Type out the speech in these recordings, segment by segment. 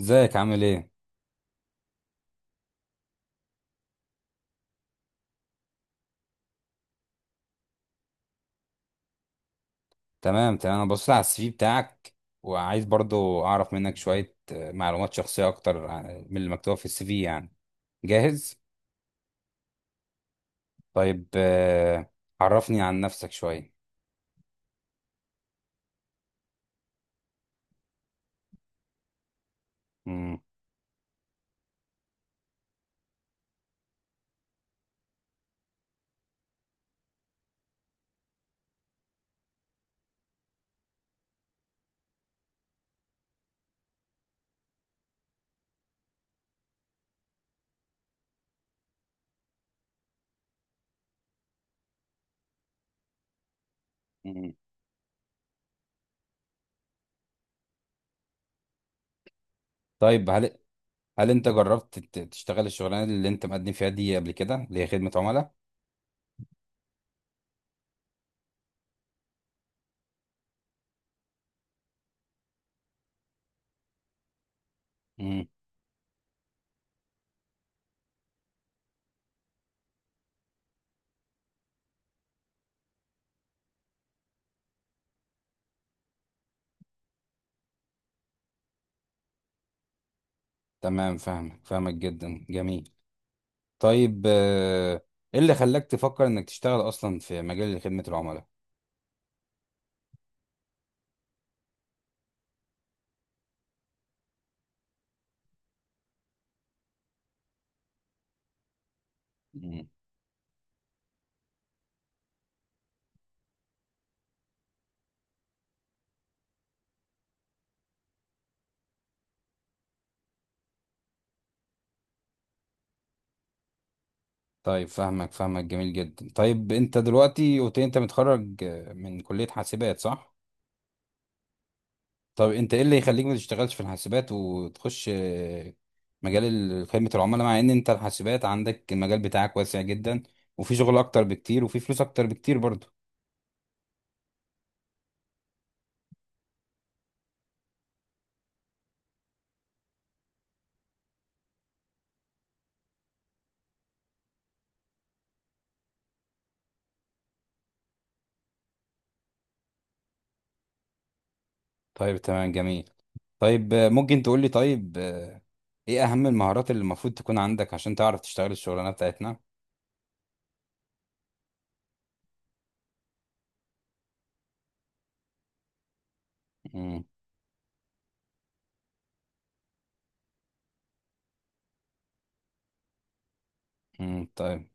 ازيك عامل ايه؟ تمام تمام، انا بصيت على السي في بتاعك. وعايز برضو اعرف منك شوية معلومات شخصية اكتر من اللي مكتوبة في السي في يعني. جاهز؟ طيب، عرفني عن نفسك شوية. مم. مم. طيب، هل انت جربت تشتغل الشغلانة اللي انت مقدم فيها دي قبل كده، اللي هي خدمة عملاء؟ مم. تمام، فاهمك فاهمك جدا، جميل. طيب، ايه اللي خلاك تفكر انك تشتغل اصلا في مجال خدمة العملاء؟ طيب، فاهمك فاهمك، جميل جدا. طيب، انت دلوقتي قلت لي انت متخرج من كلية حاسبات، صح؟ طب انت ايه اللي يخليك ما تشتغلش في الحاسبات وتخش مجال خدمة العملاء، مع ان انت الحاسبات عندك المجال بتاعك واسع جدا، وفي شغل اكتر بكتير وفي فلوس اكتر بكتير برضه؟ طيب، تمام، جميل. طيب، ممكن تقول لي طيب، ايه اهم المهارات اللي المفروض تكون عندك عشان تعرف تشتغل الشغلانة بتاعتنا؟ امم. طيب،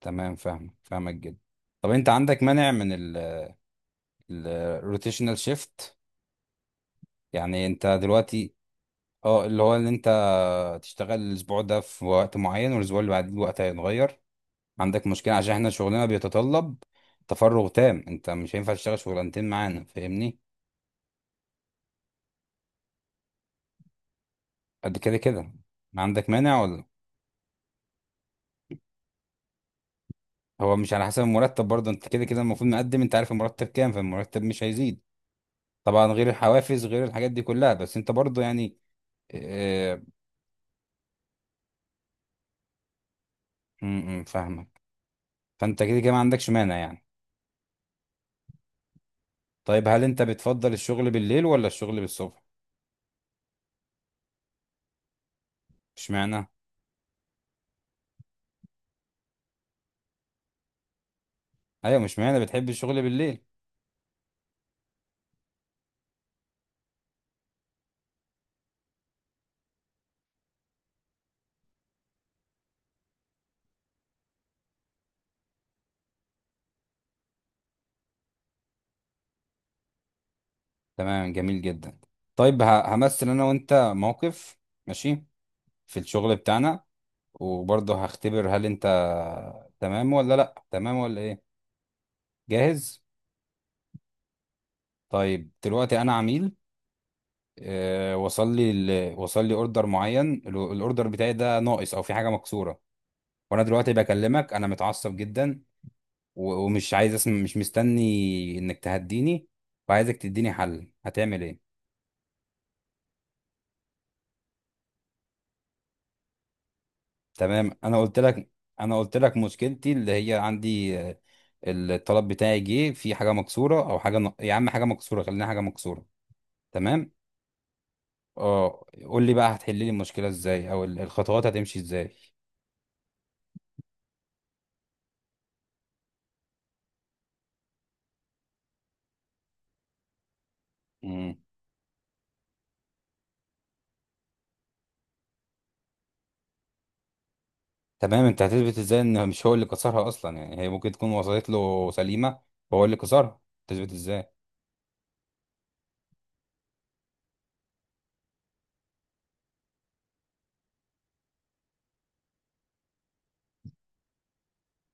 تمام، فاهمك فاهمك جدا. طب انت عندك مانع من الروتيشنال شيفت؟ يعني انت دلوقتي، اه، اللي هو ان انت تشتغل الاسبوع ده في وقت معين والاسبوع اللي بعديه وقت هيتغير. عندك مشكلة؟ عشان احنا شغلنا بيتطلب تفرغ تام، انت مش هينفع تشتغل شغلانتين معانا، فاهمني؟ قد كده كده، ما عندك مانع ولا؟ هو مش على حسب المرتب برضه، انت كده كده المفروض مقدم، انت عارف المرتب كام، فالمرتب مش هيزيد طبعا، غير الحوافز غير الحاجات دي كلها، بس انت برضه يعني اه، م- م، فاهمك. فانت كده كده ما عندكش مانع يعني؟ طيب، هل انت بتفضل الشغل بالليل ولا الشغل بالصبح؟ اشمعنى؟ ايوه، مش معنى بتحب الشغل بالليل؟ تمام، جميل جدا. طيب، همثل انا وانت موقف، ماشي، في الشغل بتاعنا، وبرضه هختبر هل انت تمام ولا لا، تمام ولا ايه. جاهز؟ طيب، دلوقتي انا عميل. اه، وصل لي وصل لي اوردر معين، الاوردر بتاعي ده ناقص او في حاجه مكسوره. وانا دلوقتي بكلمك، انا متعصب جدا ومش عايز اسم، مش مستني انك تهديني، وعايزك تديني حل، هتعمل ايه؟ تمام، انا قلت لك. انا قلت لك مشكلتي، اللي هي عندي الطلب بتاعي جه في حاجه مكسوره، او يا عم حاجه مكسوره، خلينا حاجه مكسوره. تمام. اه، قول لي بقى، هتحل لي المشكله ازاي، او الخطوات هتمشي ازاي؟ مم. تمام، انت هتثبت ازاي ان مش هو اللي كسرها اصلا؟ يعني هي ممكن تكون وصلت له سليمه وهو اللي كسرها. تثبت ازاي؟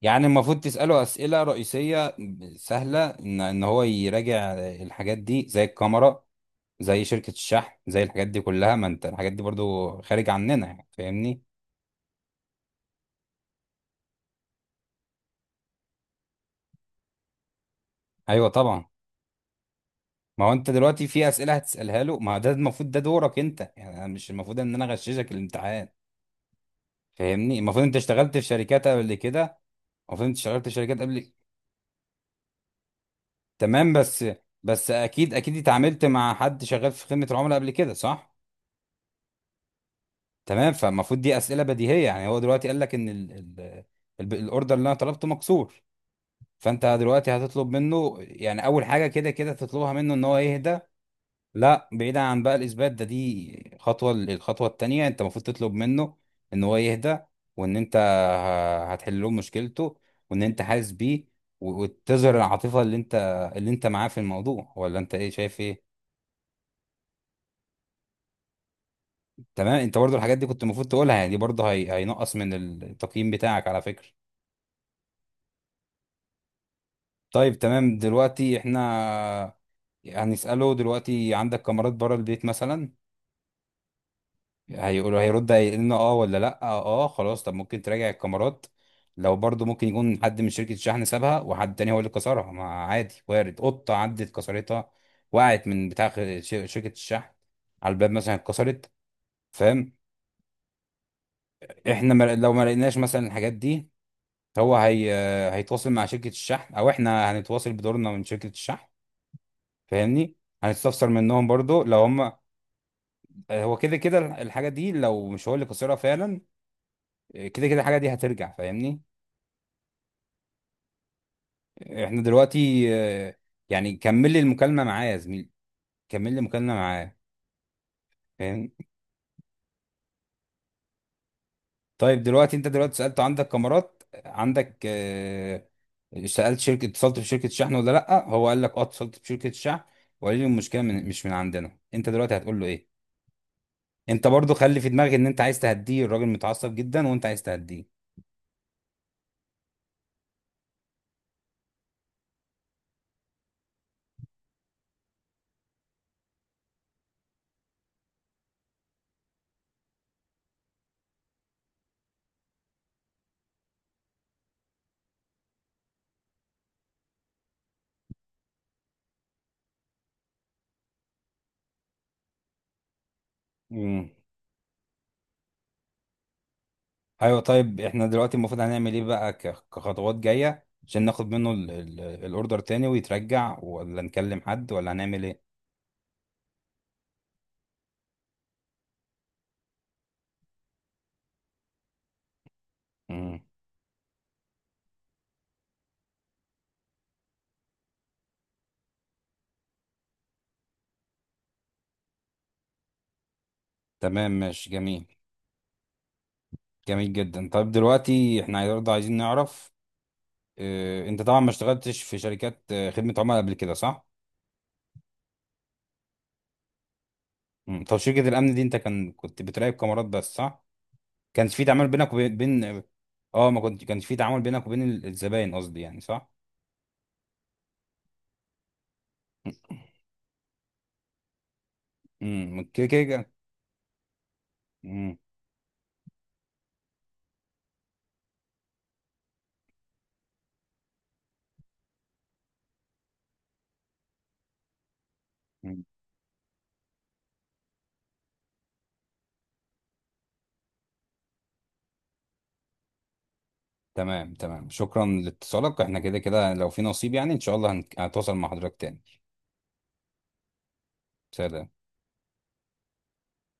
يعني المفروض تسأله أسئلة رئيسية سهلة، إن هو يراجع الحاجات دي زي الكاميرا، زي شركة الشحن، زي الحاجات دي كلها، ما أنت الحاجات دي برضو خارج عننا يعني، فاهمني؟ أيوه، طبعا. ما هو أنت دلوقتي في أسئلة هتسألها له، ما ده المفروض ده دورك أنت، يعني أنا مش المفروض إن أنا أغششك الامتحان، فاهمني؟ المفروض أنت اشتغلت في شركات قبل كده. المفروض أنت اشتغلت في شركات قبل. تمام، بس. بس أكيد أكيد اتعاملت مع حد شغال في خدمة العملاء قبل كده، صح؟ تمام، فالمفروض دي اسئله بديهيه. يعني هو دلوقتي قال لك ان الاوردر اللي انا طلبته مكسور. فانت دلوقتي هتطلب منه، يعني اول حاجه كده كده تطلبها منه ان هو يهدى. لا، بعيدا عن بقى الاثبات ده، دي خطوه، الخطوه التانيه انت المفروض تطلب منه ان هو يهدى، وان انت هتحل له مشكلته، وان انت حاسس بيه، وتظهر العاطفه اللي انت معاه في الموضوع، ولا انت ايه شايف ايه؟ تمام، انت برضو الحاجات دي كنت المفروض تقولها، يعني دي برضو هينقص من التقييم بتاعك على فكره. طيب، تمام، دلوقتي احنا هنسأله، دلوقتي عندك كاميرات بره البيت مثلا؟ هيقول، هيرد، هيقول لنا اه ولا لا. اه، خلاص. طب ممكن تراجع الكاميرات؟ لو برضو ممكن يكون حد من شركة الشحن سابها وحد تاني هو اللي كسرها، ما عادي، وارد قطة عدت كسرتها، وقعت من بتاع شركة الشحن، على الباب مثلا اتكسرت، فاهم؟ احنا لو ما لقيناش مثلا الحاجات دي، هو هي هيتواصل مع شركة الشحن، او احنا هنتواصل بدورنا من شركة الشحن، فاهمني؟ هنستفسر منهم برضو لو هم. هو كده كده الحاجه دي لو مش هو اللي خسرها فعلا، كده كده الحاجه دي هترجع، فاهمني؟ احنا دلوقتي يعني كمل لي المكالمه معاه يا زميلي، كمل لي المكالمه معاه، فاهم؟ طيب، دلوقتي انت دلوقتي سالت عندك كاميرات، عندك سالت شركه، اتصلت بشركه شحن ولا لا. هو قال لك اه، اتصلت بشركه شحن وقال لي المشكله من مش من عندنا. انت دلوقتي هتقول له ايه؟ انت برضو خلي في دماغك ان انت عايز تهديه، الراجل متعصب جدا وانت عايز تهديه. مم. ايوه، طيب، احنا دلوقتي المفروض هنعمل ايه بقى كخطوات جايه، عشان ناخد منه الاوردر تاني ويترجع، ولا نكلم حد، ولا هنعمل ايه؟ امم. تمام، ماشي، جميل. جميل جدا. طيب، دلوقتي احنا برضه عايزين نعرف، اه، انت طبعا ما اشتغلتش في شركات خدمه عملاء قبل كده، صح؟ مم. طب شركه الامن دي، انت كنت بتراقب كاميرات بس، صح؟ كانش في تعامل بينك وبين. اه، ما كنت كانش في تعامل بينك وبين الزباين، قصدي يعني، صح؟ امم، كده كده. امم، تمام تمام، شكرا لاتصالك، احنا كده كده لو في نصيب يعني ان شاء الله هتواصل مع حضرتك تاني. سلام.